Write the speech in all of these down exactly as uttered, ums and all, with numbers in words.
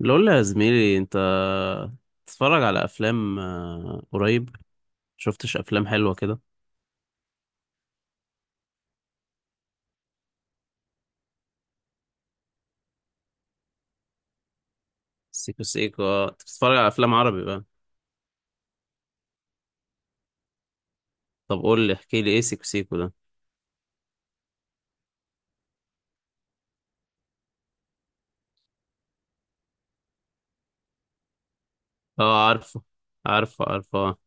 اللي اقول يا زميلي، انت تتفرج على افلام آه، قريب؟ شفتش افلام حلوه كده؟ سيكو سيكو. اه، انت بتتفرج على افلام عربي بقى؟ طب قول لي احكي لي ايه سيكو سيكو ده. اه، عارفه، عارفه، عارفه، اه،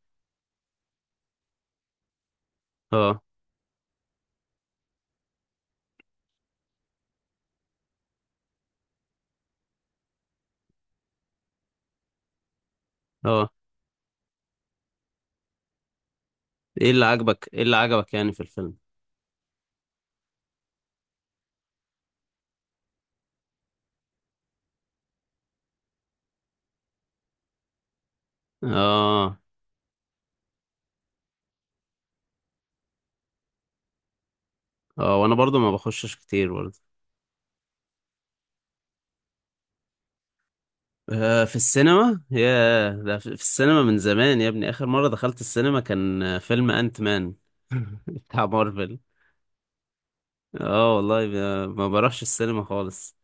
اه، اه. ايه اللي عجبك ايه اللي عجبك يعني في الفيلم؟ اه، اه. وانا برضو ما بخشش كتير برضو. آه في السينما يا ده، في في السينما من زمان يا ابني، اخر مره دخلت السينما كان آه، فيلم انت مان. بتاع مارفل. اه والله، ب- ما بروحش السينما خالص.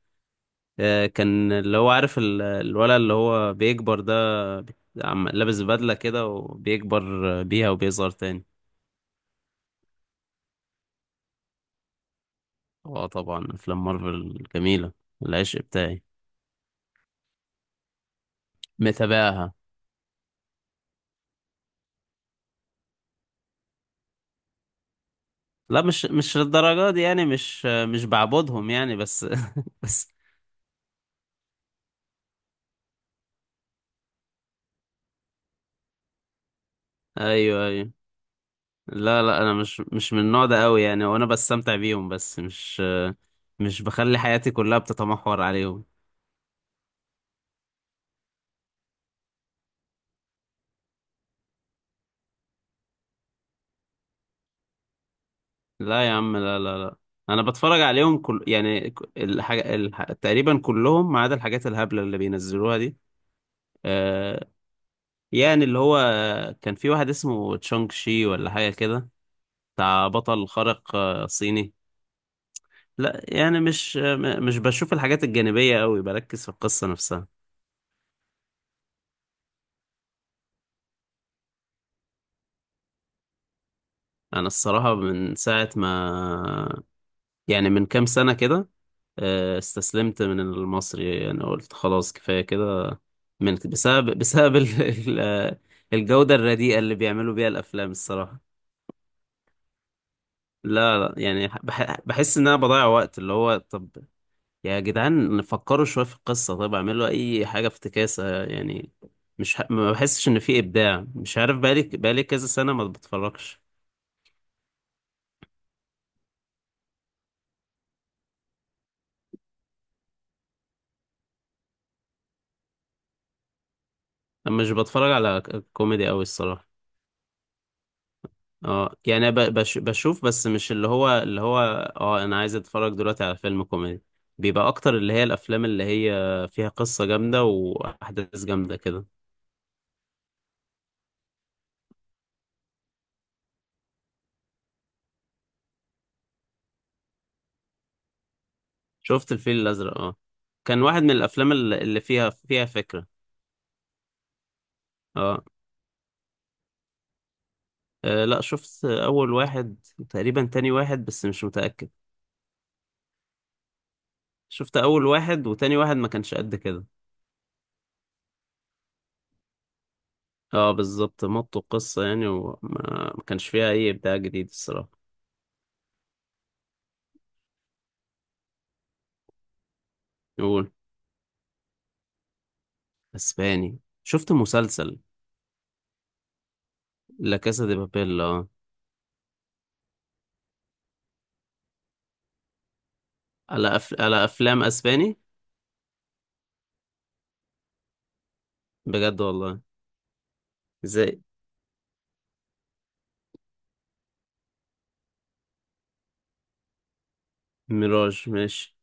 آه، كان اللي هو عارف، ال- الولد اللي هو بيكبر ده، بي- عم لابس بدلة كده وبيكبر بيها وبيظهر تاني. اه طبعا، افلام مارفل جميلة. العشق بتاعي. متابعها. لا، مش مش للدرجة دي يعني، مش مش بعبدهم يعني، بس، بس. ايوه، ايوه. لا، لا، انا مش مش من النوع ده قوي يعني، وانا بستمتع بيهم، بس مش مش بخلي حياتي كلها بتتمحور عليهم. لا يا عم، لا، لا، لا. انا بتفرج عليهم كل يعني، ك- الحاجة الح... تقريبا كلهم، ما عدا الحاجات الهبلة اللي بينزلوها دي. آه... يعني اللي هو كان في واحد اسمه تشونغ شي ولا حاجة كده، بتاع بطل خارق آه، صيني. لا يعني، مش آه، م- مش بشوف الحاجات الجانبية قوي، بركز في القصة نفسها. انا الصراحة من ساعة ما، يعني من كام سنة كده، آه، استسلمت من المصري يعني. قلت خلاص كفاية كده. من بسبب بسبب ال- ال- آه، الجودة الرديئة اللي بيعملوا بيها الأفلام الصراحة. لا، لا، يعني بح- بحس إن أنا بضيع وقت اللي هو، طب يا جدعان فكروا شوية في القصة، طب اعملوا أي حاجة، افتكاسة يعني. مش ح... ما بحسش إن في إبداع، مش عارف، بقالي بقالي كذا سنة ما بتفرجش. أنا مش بتفرج على ك- كوميدي أوي الصراحة. اه يعني، أنا ب- بش بشوف، بس مش اللي هو اللي هو. اه، انا عايز اتفرج دلوقتي على فيلم كوميدي، بيبقى اكتر اللي هي الافلام اللي هي فيها قصة جامدة واحداث جامدة كده. شفت الفيل الازرق، اه. كان واحد من الافلام الل- اللي فيها فيها فكرة. اه، آه، لا، شفت اول واحد وتقريبا تاني واحد، بس مش متأكد. شفت اول واحد وتاني واحد، ما كانش قد كده. اه بالظبط، مطوا القصة يعني، وما ما كانش فيها اي ابداع جديد الصراحة. نقول اسباني. شفت مسلسل لا كاسا دي بابيل، اه. على أف... على افلام اسباني. بجد والله. زي ميراج، ماشي.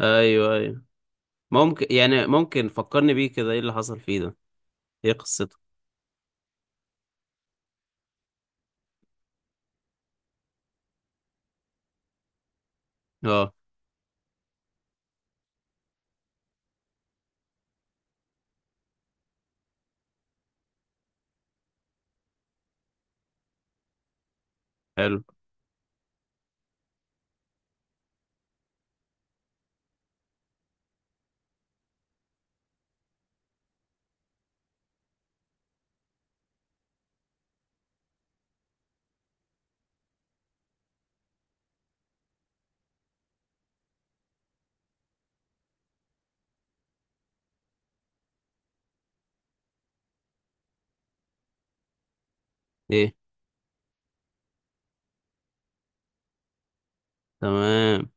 ايوه، ايوه. ممكن يعني ممكن فكرني بيه كده، ايه اللي حصل فيه ده؟ ايه قصته؟ اه، حلو، ايه، تمام،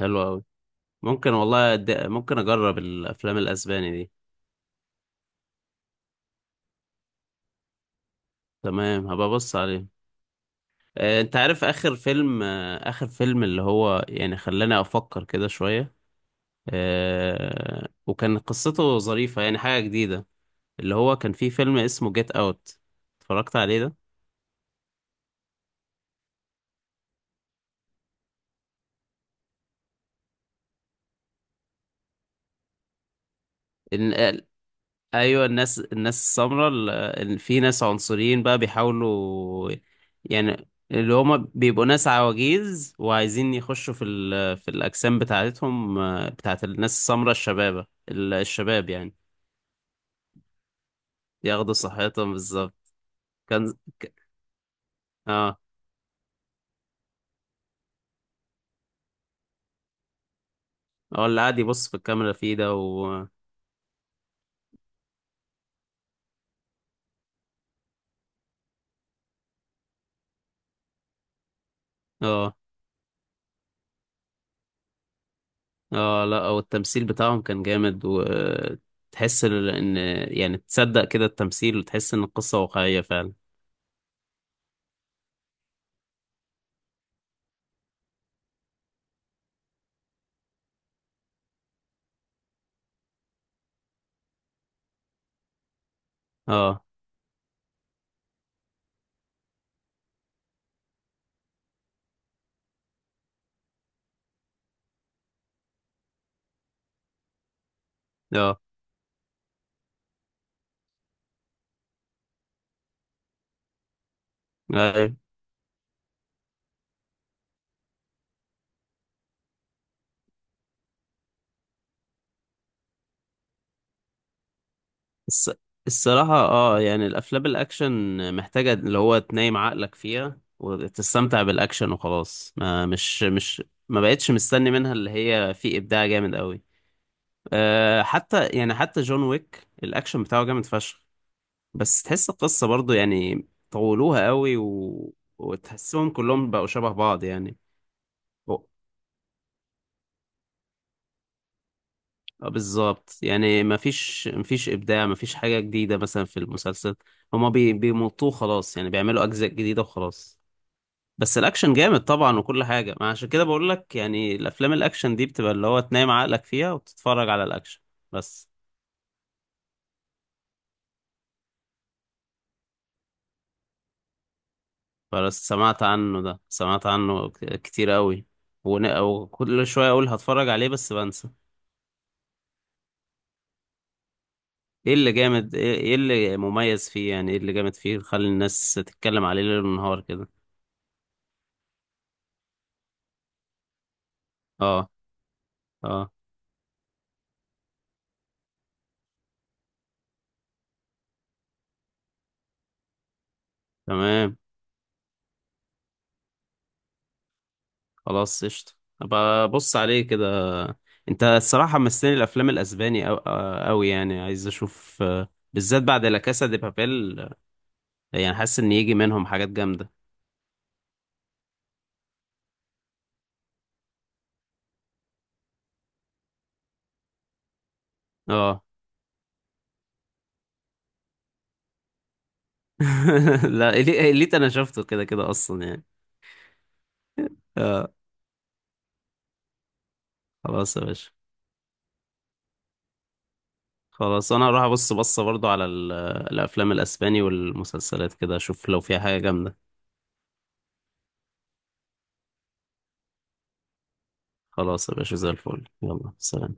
حلو قوي. ممكن والله، أد... ممكن اجرب الافلام الاسباني دي. تمام هبقى ابص عليه. آه، انت عارف اخر فيلم، آه، اخر فيلم اللي هو يعني خلاني افكر كده شوية، آه، وكان قصته ظريفة يعني، حاجة جديدة. اللي هو كان فيه فيلم اسمه جيت اوت، اتفرجت عليه ده؟ إن... آه، ايوه، الناس الناس السمراء، ال- إن في ناس عنصريين بقى بيحاولوا. يعني اللي هما بيبقوا ناس عواجيز وعايزين يخشوا في ال... في الاجسام بتاعتهم، آه، بتاعت الناس السمراء الشبابه، ال- الشباب يعني. ياخدوا صحتهم بالظبط. كان ك- اه، هو اللي قاعد يبص في الكاميرا فيه ده، و اه، اه، لا، هو التمثيل بتاعهم كان جامد، وتحس ال- ان يعني، تصدق كده التمثيل، وتحس ان القصة واقعية فعلا. اه، اه، أيوة. الص- الصراحة اه يعني، الافلام الاكشن محتاجة اللي هو تنايم عقلك فيها وتستمتع بالاكشن وخلاص، ما مش مش ما بقتش مستني منها اللي هي في ابداع جامد قوي. آه حتى يعني حتى جون ويك الاكشن بتاعه جامد فشخ، بس تحس القصة برضو يعني طولوها قوي، و... وتحسهم كلهم بقوا شبه بعض يعني. هو- اه، بالظبط يعني. مفيش مفيش إبداع، مفيش حاجة جديدة. مثلا في المسلسل، هما بي... بيمطوه خلاص يعني، بيعملوا أجزاء جديدة وخلاص. بس الأكشن جامد طبعا وكل حاجة، ما عشان كده بقول لك يعني الأفلام الأكشن دي بتبقى اللي هو تنام عقلك فيها وتتفرج على الأكشن بس بس سمعت عنه، ده سمعت عنه ك- كتير قوي. ون... وكل شوية أقول هتفرج عليه بس بنسى. ايه اللي جامد ايه إيه اللي مميز فيه يعني، ايه اللي جامد فيه خلي الناس تتكلم عليه ليل ونهار كده؟ اه، اه. تمام، خلاص قشطة. ابقى بص عليه كده. انت الصراحة مستني الافلام الاسباني او آه، اوي يعني، عايز اشوف آه، بالذات بعد لا كاسا دي بابيل، آه، يعني حاسس ان يجي منهم حاجات جامدة. اه. لا، إلي- إليت انا شفته كده كده اصلا يعني. اه. خلاص يا باشا. خلاص انا هروح ابص بصه برضو على ال- الافلام الاسباني والمسلسلات كده، اشوف لو فيها حاجه جامده. خلاص يا باشا، زي الفل، يلا سلام.